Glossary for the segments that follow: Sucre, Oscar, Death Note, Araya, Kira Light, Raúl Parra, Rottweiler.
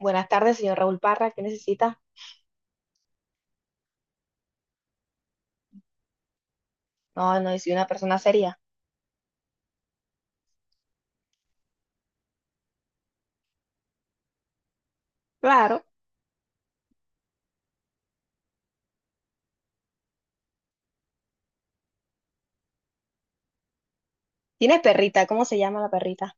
Buenas tardes, señor Raúl Parra. ¿Qué necesita? No, no, soy una persona seria. Claro. ¿Tiene perrita? ¿Cómo se llama la perrita?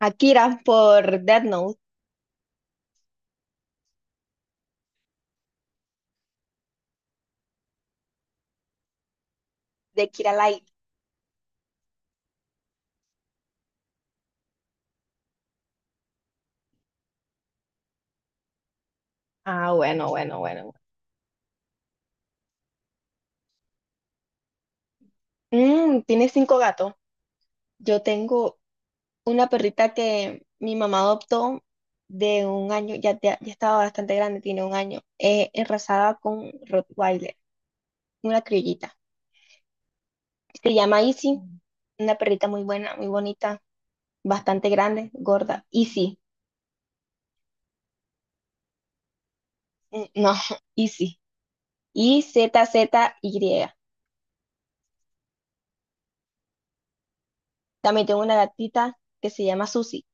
Akira por Death Note de Kira Light. Ah, bueno, bueno, bueno. Bueno. Tiene cinco gatos. Yo tengo una perrita que mi mamá adoptó de un año, ya, ya, ya estaba bastante grande, tiene un año, enrasada con Rottweiler, una criollita. Se llama Izzy, una perrita muy buena, muy bonita, bastante grande, gorda. Izzy. Mm, no, Easy. Izzy También tengo una gatita que se llama Susi.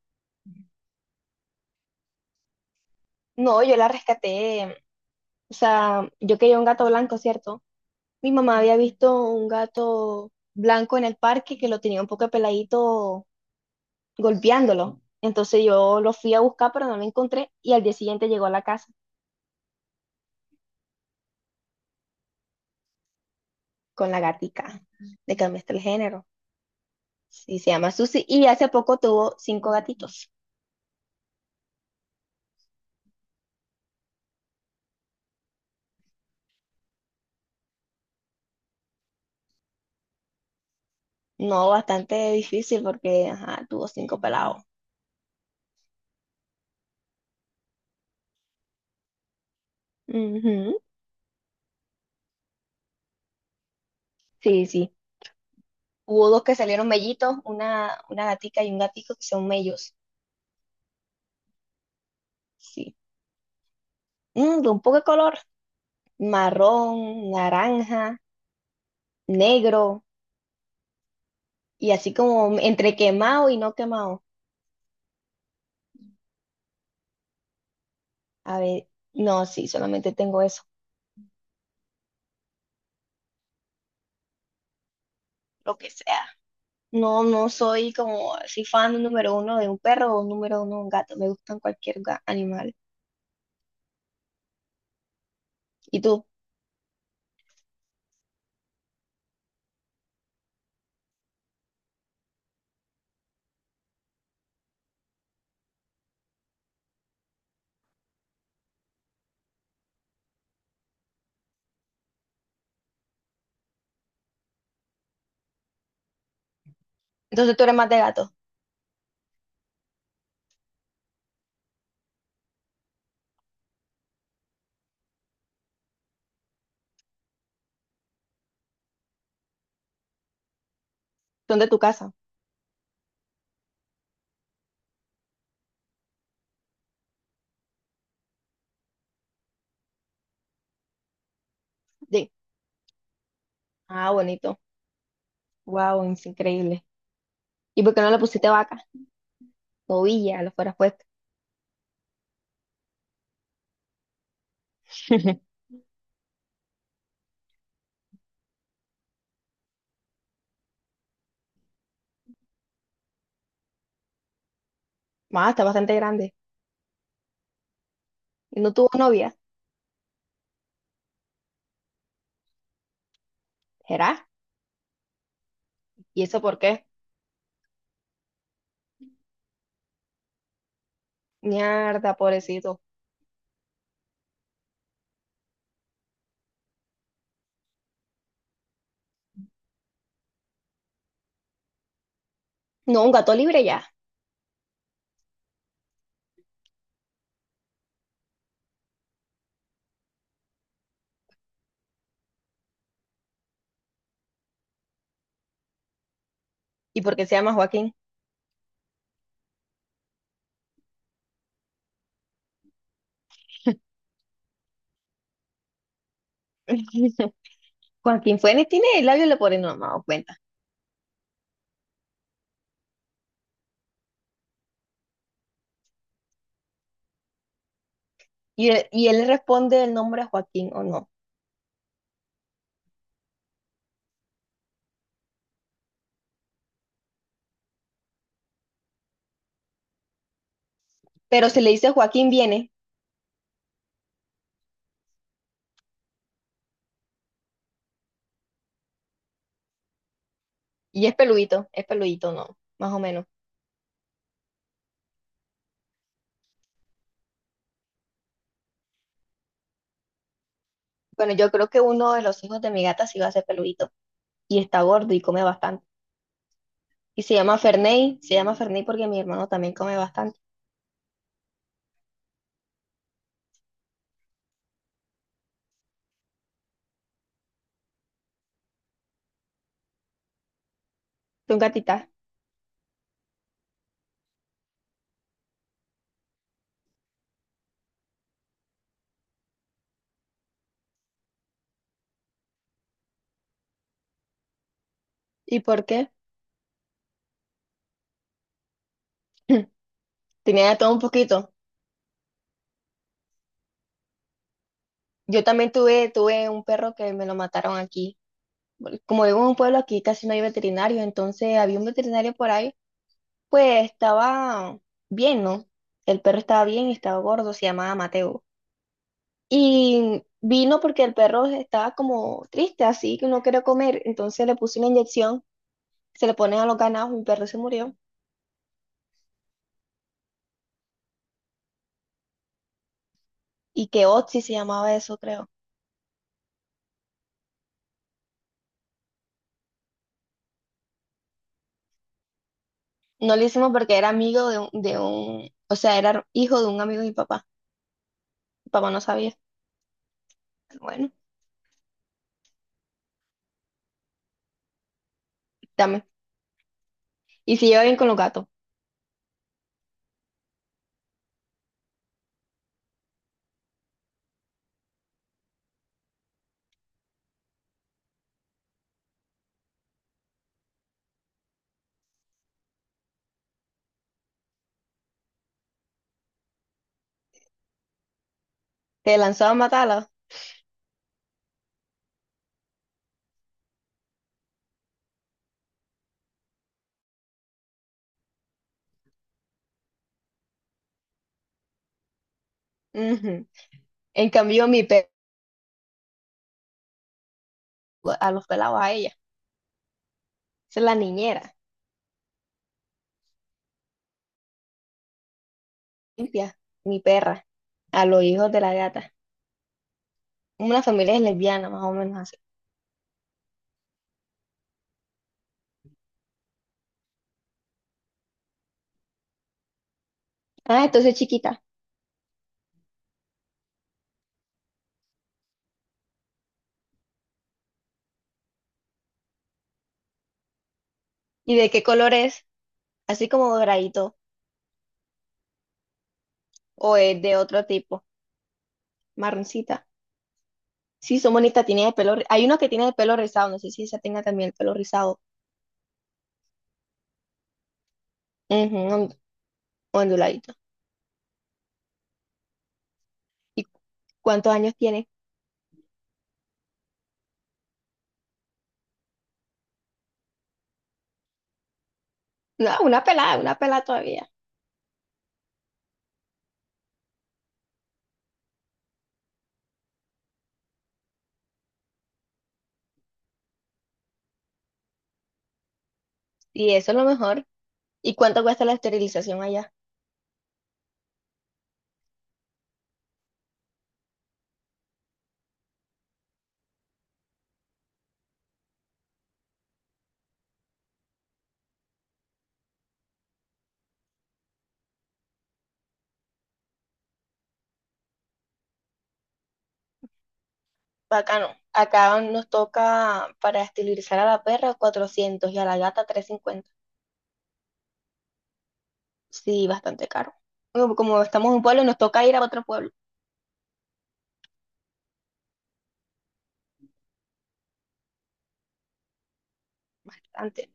No, yo la rescaté. O sea, yo quería un gato blanco, ¿cierto? Mi mamá había visto un gato blanco en el parque que lo tenía un poco peladito golpeándolo. Entonces yo lo fui a buscar, pero no lo encontré. Y al día siguiente llegó a la casa con la gatica. Le cambiaste el género. Sí, se llama Susi. Y hace poco tuvo cinco gatitos. No, bastante difícil porque ajá, tuvo cinco pelados. Ujú. Sí, sí. Hubo dos que salieron mellitos, una gatica y un gatico que son mellos. Sí. De un poco de color, marrón, naranja, negro y así como entre quemado y no quemado. A ver, no, sí, solamente tengo eso, lo que sea. No, no soy como así fan número uno de un perro o número uno de un gato. Me gustan cualquier animal. ¿Y tú? Entonces tú eres más de gato. Son de tu casa. Sí. Ah, bonito. Wow, es increíble. ¿Y por qué no le pusiste vaca? Novia, lo fueras puesto. Más, está bastante grande. ¿Y no tuvo novia? ¿Será? ¿Y eso por qué? Mierda, pobrecito. No, un gato libre ya. ¿Y por qué se llama Joaquín? Joaquín Fuentes tiene el labio leporino, no me he dado cuenta. Y él le responde el nombre a Joaquín o no. Pero si le dice Joaquín viene y es peludito, no, más o menos. Bueno, yo creo que uno de los hijos de mi gata sí va a ser peludito y está gordo y come bastante. Y se llama Ferney porque mi hermano también come bastante. ¿Tú un gatita? ¿Y por qué? Tenía de todo un poquito. Yo también tuve un perro que me lo mataron aquí. Bueno, como vivo en un pueblo aquí, casi no hay veterinarios, entonces había un veterinario por ahí, pues estaba bien, ¿no? El perro estaba bien, y estaba gordo, se llamaba Mateo. Y vino porque el perro estaba como triste, así que no quería comer, entonces le puse una inyección, se le ponen a los ganados, mi perro se murió. Y que Otzi se llamaba eso, creo. No lo hicimos porque era amigo de un, o sea, era hijo de un amigo de mi papá. Mi papá no sabía. Bueno, dame. Y si lleva bien con los gatos, te lanzaba a matarla. Ujú. En cambio, mi perro, a los pelados, a ella. Esa es la niñera, limpia, mi perra, a los hijos de la gata. Una familia es lesbiana, más o menos así. Ah, entonces chiquita. ¿Y de qué color es? Así como doradito o es de otro tipo, marroncita. Sí, son bonitas, tiene el pelo. Hay una que tiene el pelo rizado, no sé si esa tenga también el pelo rizado. Ujú, onduladito. ¿Y cuántos años tiene? No, una pelada todavía. Y eso es lo mejor. ¿Y cuánto cuesta la esterilización allá? Bacano. Acá nos toca para esterilizar a la perra 400 y a la gata 350. Sí, bastante caro. Como estamos en un pueblo, nos toca ir a otro pueblo. Antes.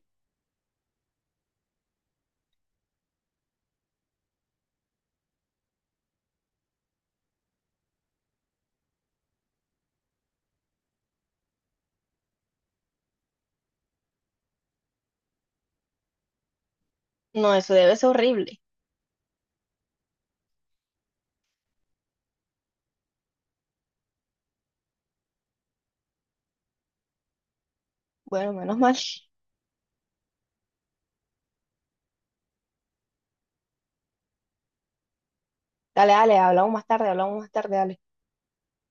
No, eso debe ser horrible. Bueno, menos mal. Dale, dale, hablamos más tarde, dale.